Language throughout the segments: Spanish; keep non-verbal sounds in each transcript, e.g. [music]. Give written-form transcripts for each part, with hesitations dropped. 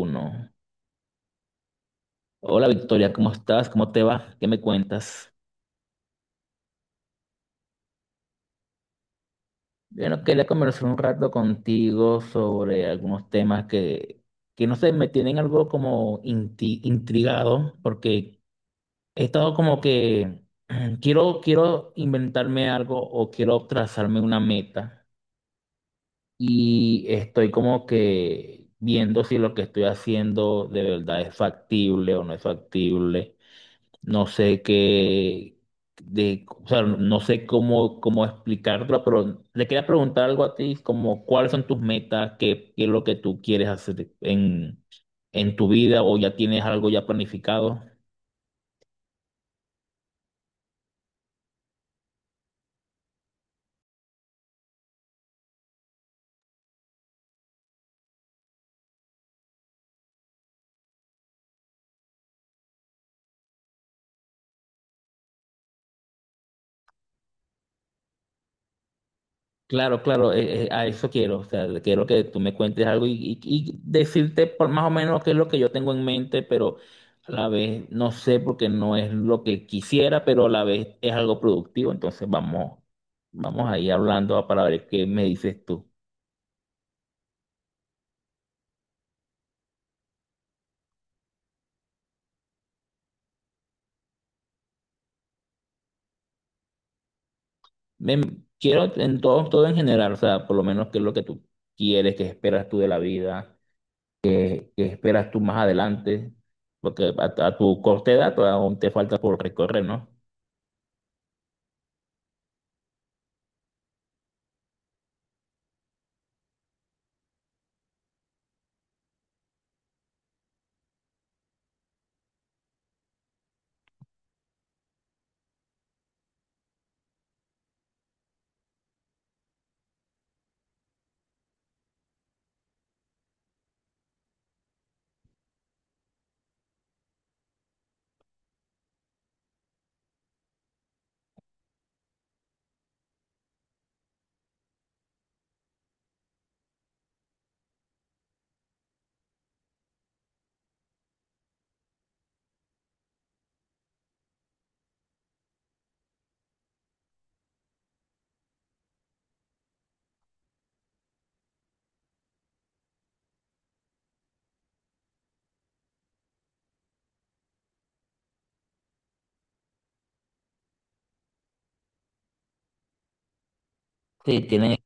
Uno. Hola Victoria, ¿cómo estás? ¿Cómo te va? ¿Qué me cuentas? Bueno, quería conversar un rato contigo sobre algunos temas que no sé, me tienen algo como intrigado, porque he estado como que [clears throat] quiero inventarme algo o quiero trazarme una meta y estoy como que viendo si lo que estoy haciendo de verdad es factible o no es factible. No sé qué, o sea, no sé cómo explicarlo, pero le quería preguntar algo a ti, como cuáles son tus metas, qué es lo que tú quieres hacer en tu vida o ya tienes algo ya planificado. Claro, claro, a eso quiero. O sea, quiero que tú me cuentes algo y decirte por más o menos qué es lo que yo tengo en mente, pero a la vez no sé porque no es lo que quisiera, pero a la vez es algo productivo. Entonces vamos ahí hablando para ver qué me dices tú. Me- quiero en todo, todo en general, o sea, por lo menos qué es lo que tú quieres, qué esperas tú de la vida, qué esperas tú más adelante, porque a tu corta edad todavía aún te falta por recorrer, ¿no? Sí, tienes.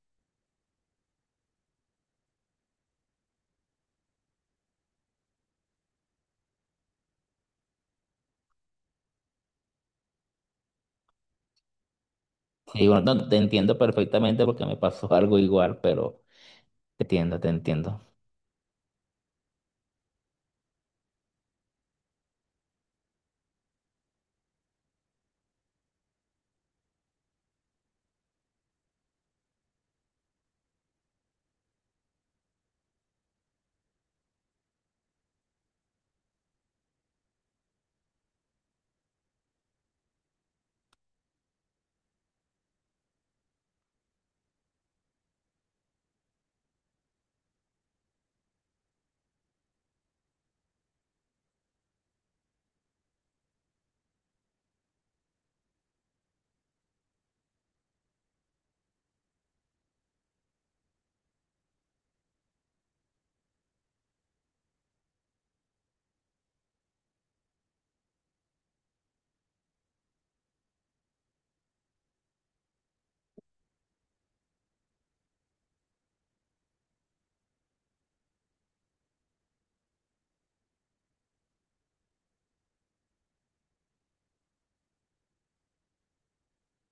Sí, bueno, no, te entiendo perfectamente porque me pasó [laughs] algo igual, pero te entiendo, te entiendo.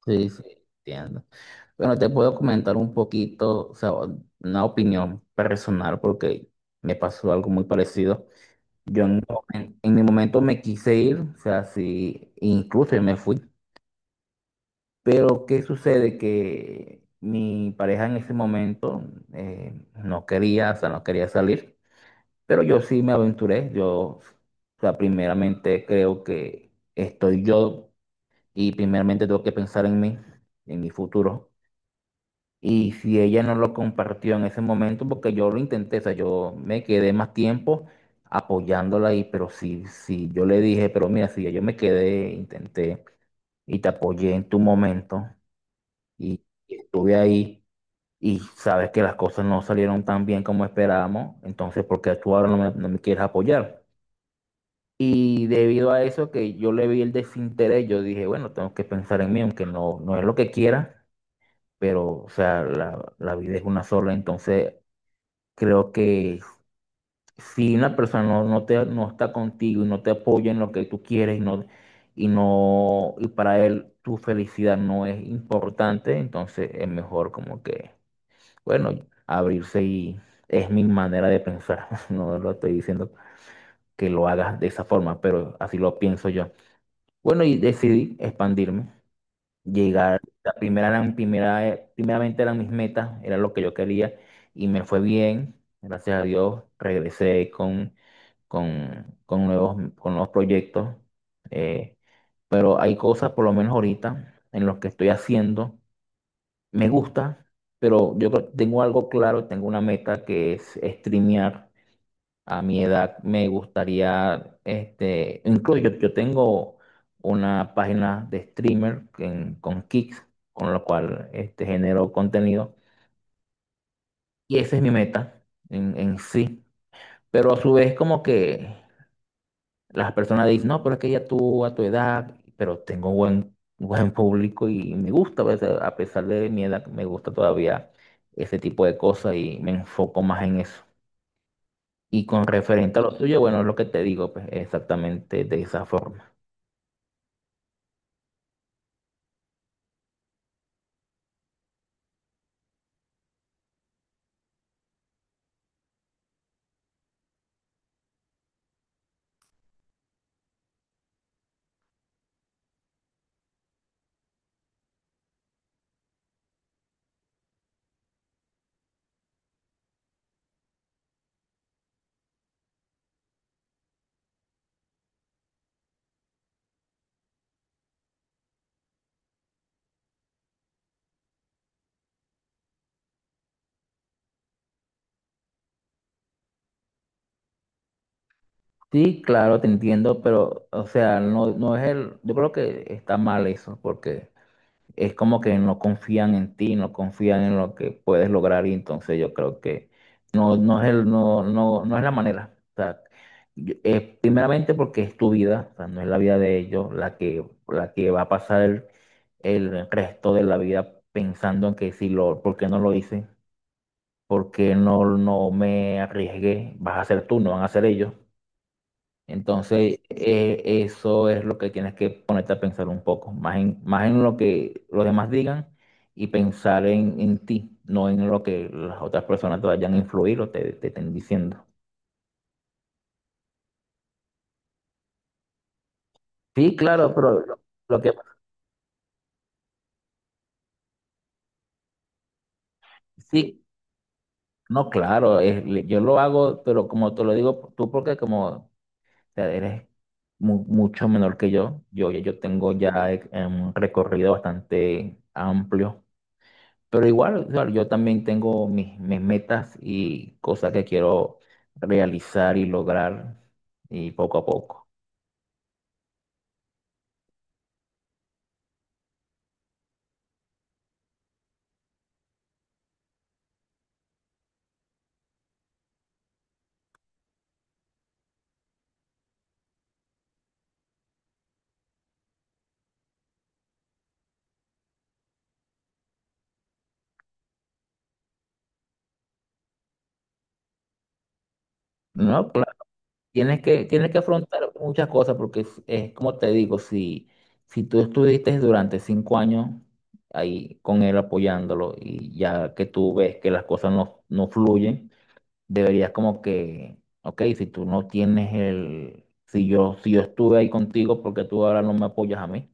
Sí, sí, entiendo. Bueno, te puedo comentar un poquito, o sea, una opinión personal porque me pasó algo muy parecido. Yo en mi momento me quise ir, o sea, sí, incluso me fui, pero ¿qué sucede? Que mi pareja en ese momento no quería, o sea, no quería salir. Pero yo sí me aventuré, yo, o sea, primeramente creo que estoy yo y primeramente tengo que pensar en mí, en mi futuro. Y si ella no lo compartió en ese momento, porque yo lo intenté, o sea, yo me quedé más tiempo apoyándola ahí, pero sí sí yo le dije, pero mira, si ya yo me quedé, intenté y te apoyé en tu momento y estuve ahí y sabes que las cosas no salieron tan bien como esperábamos, entonces, ¿por qué tú ahora no me quieres apoyar? Y debido a eso que yo le vi el desinterés, yo dije, bueno, tengo que pensar en mí, aunque no es lo que quiera, pero, o sea, la vida es una sola, entonces creo que si una persona no te, no está contigo y no te apoya en lo que tú quieres y no, y no, y para él tu felicidad no es importante, entonces es mejor como que, bueno, abrirse y es mi manera de pensar, [laughs] no lo estoy diciendo que lo hagas de esa forma, pero así lo pienso yo. Bueno, y decidí expandirme, llegar, la primera eran, primera, primeramente eran mis metas, era lo que yo quería y me fue bien, gracias a Dios, regresé con nuevos proyectos, eh, pero hay cosas, por lo menos ahorita, en los que estoy haciendo, me gusta, pero tengo algo claro, tengo una meta que es streamear. A mi edad me gustaría, este, incluso yo tengo una página de streamer con Kicks, con lo cual este, genero contenido. Y esa es mi meta en sí. Pero a su vez como que las personas dicen, no, pero es que ya tú a tu edad, pero tengo buen público y me gusta, pues, a pesar de mi edad, me gusta todavía ese tipo de cosas y me enfoco más en eso. Y con referente a lo tuyo, bueno, es lo que te digo, pues exactamente de esa forma. Sí, claro, te entiendo, pero, o sea, no es el, yo creo que está mal eso, porque es como que no confían en ti, no confían en lo que puedes lograr, y entonces yo creo que no, no es el, no, no, no es la manera. O sea, primeramente porque es tu vida, o sea, no es la vida de ellos la que va a pasar el resto de la vida pensando en que si lo, ¿por qué no lo hice? Porque no me arriesgué, vas a ser tú, no van a ser ellos. Entonces, eso es lo que tienes que ponerte a pensar un poco, más en lo que los demás digan y pensar en ti, no en lo que las otras personas te vayan a influir o te estén diciendo. Sí, claro, pero lo que sí, no, claro, yo lo hago, pero como te lo digo tú, porque como sea, eres mucho menor que yo. Yo tengo ya un recorrido bastante amplio, pero igual, o sea, yo también tengo mis metas y cosas que quiero realizar y lograr y poco a poco. No, claro, tienes que afrontar muchas cosas porque es como te digo, si tú estuviste durante 5 años ahí con él apoyándolo y ya que tú ves que las cosas no fluyen deberías como que, ok, si tú no tienes el, si yo, estuve ahí contigo, ¿porque tú ahora no me apoyas a mí?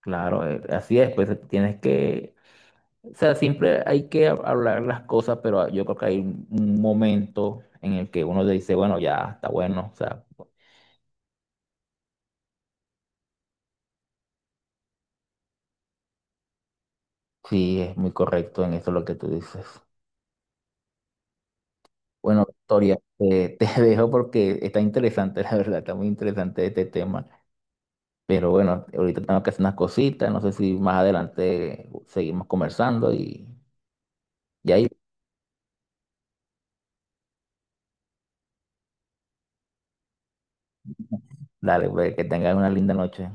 Claro, así es, pues tienes que, o sea, siempre hay que hablar las cosas, pero ah, yo creo que hay un momento en el que uno dice, bueno, ya está bueno, o sea, sí, es muy correcto en eso lo que tú dices. Bueno, Victoria, [laughs] te dejo porque está interesante, la verdad, está muy interesante este tema. Pero bueno, ahorita tengo que hacer unas cositas, no sé si más adelante seguimos conversando y ahí, dale, pues, que tengan una linda noche.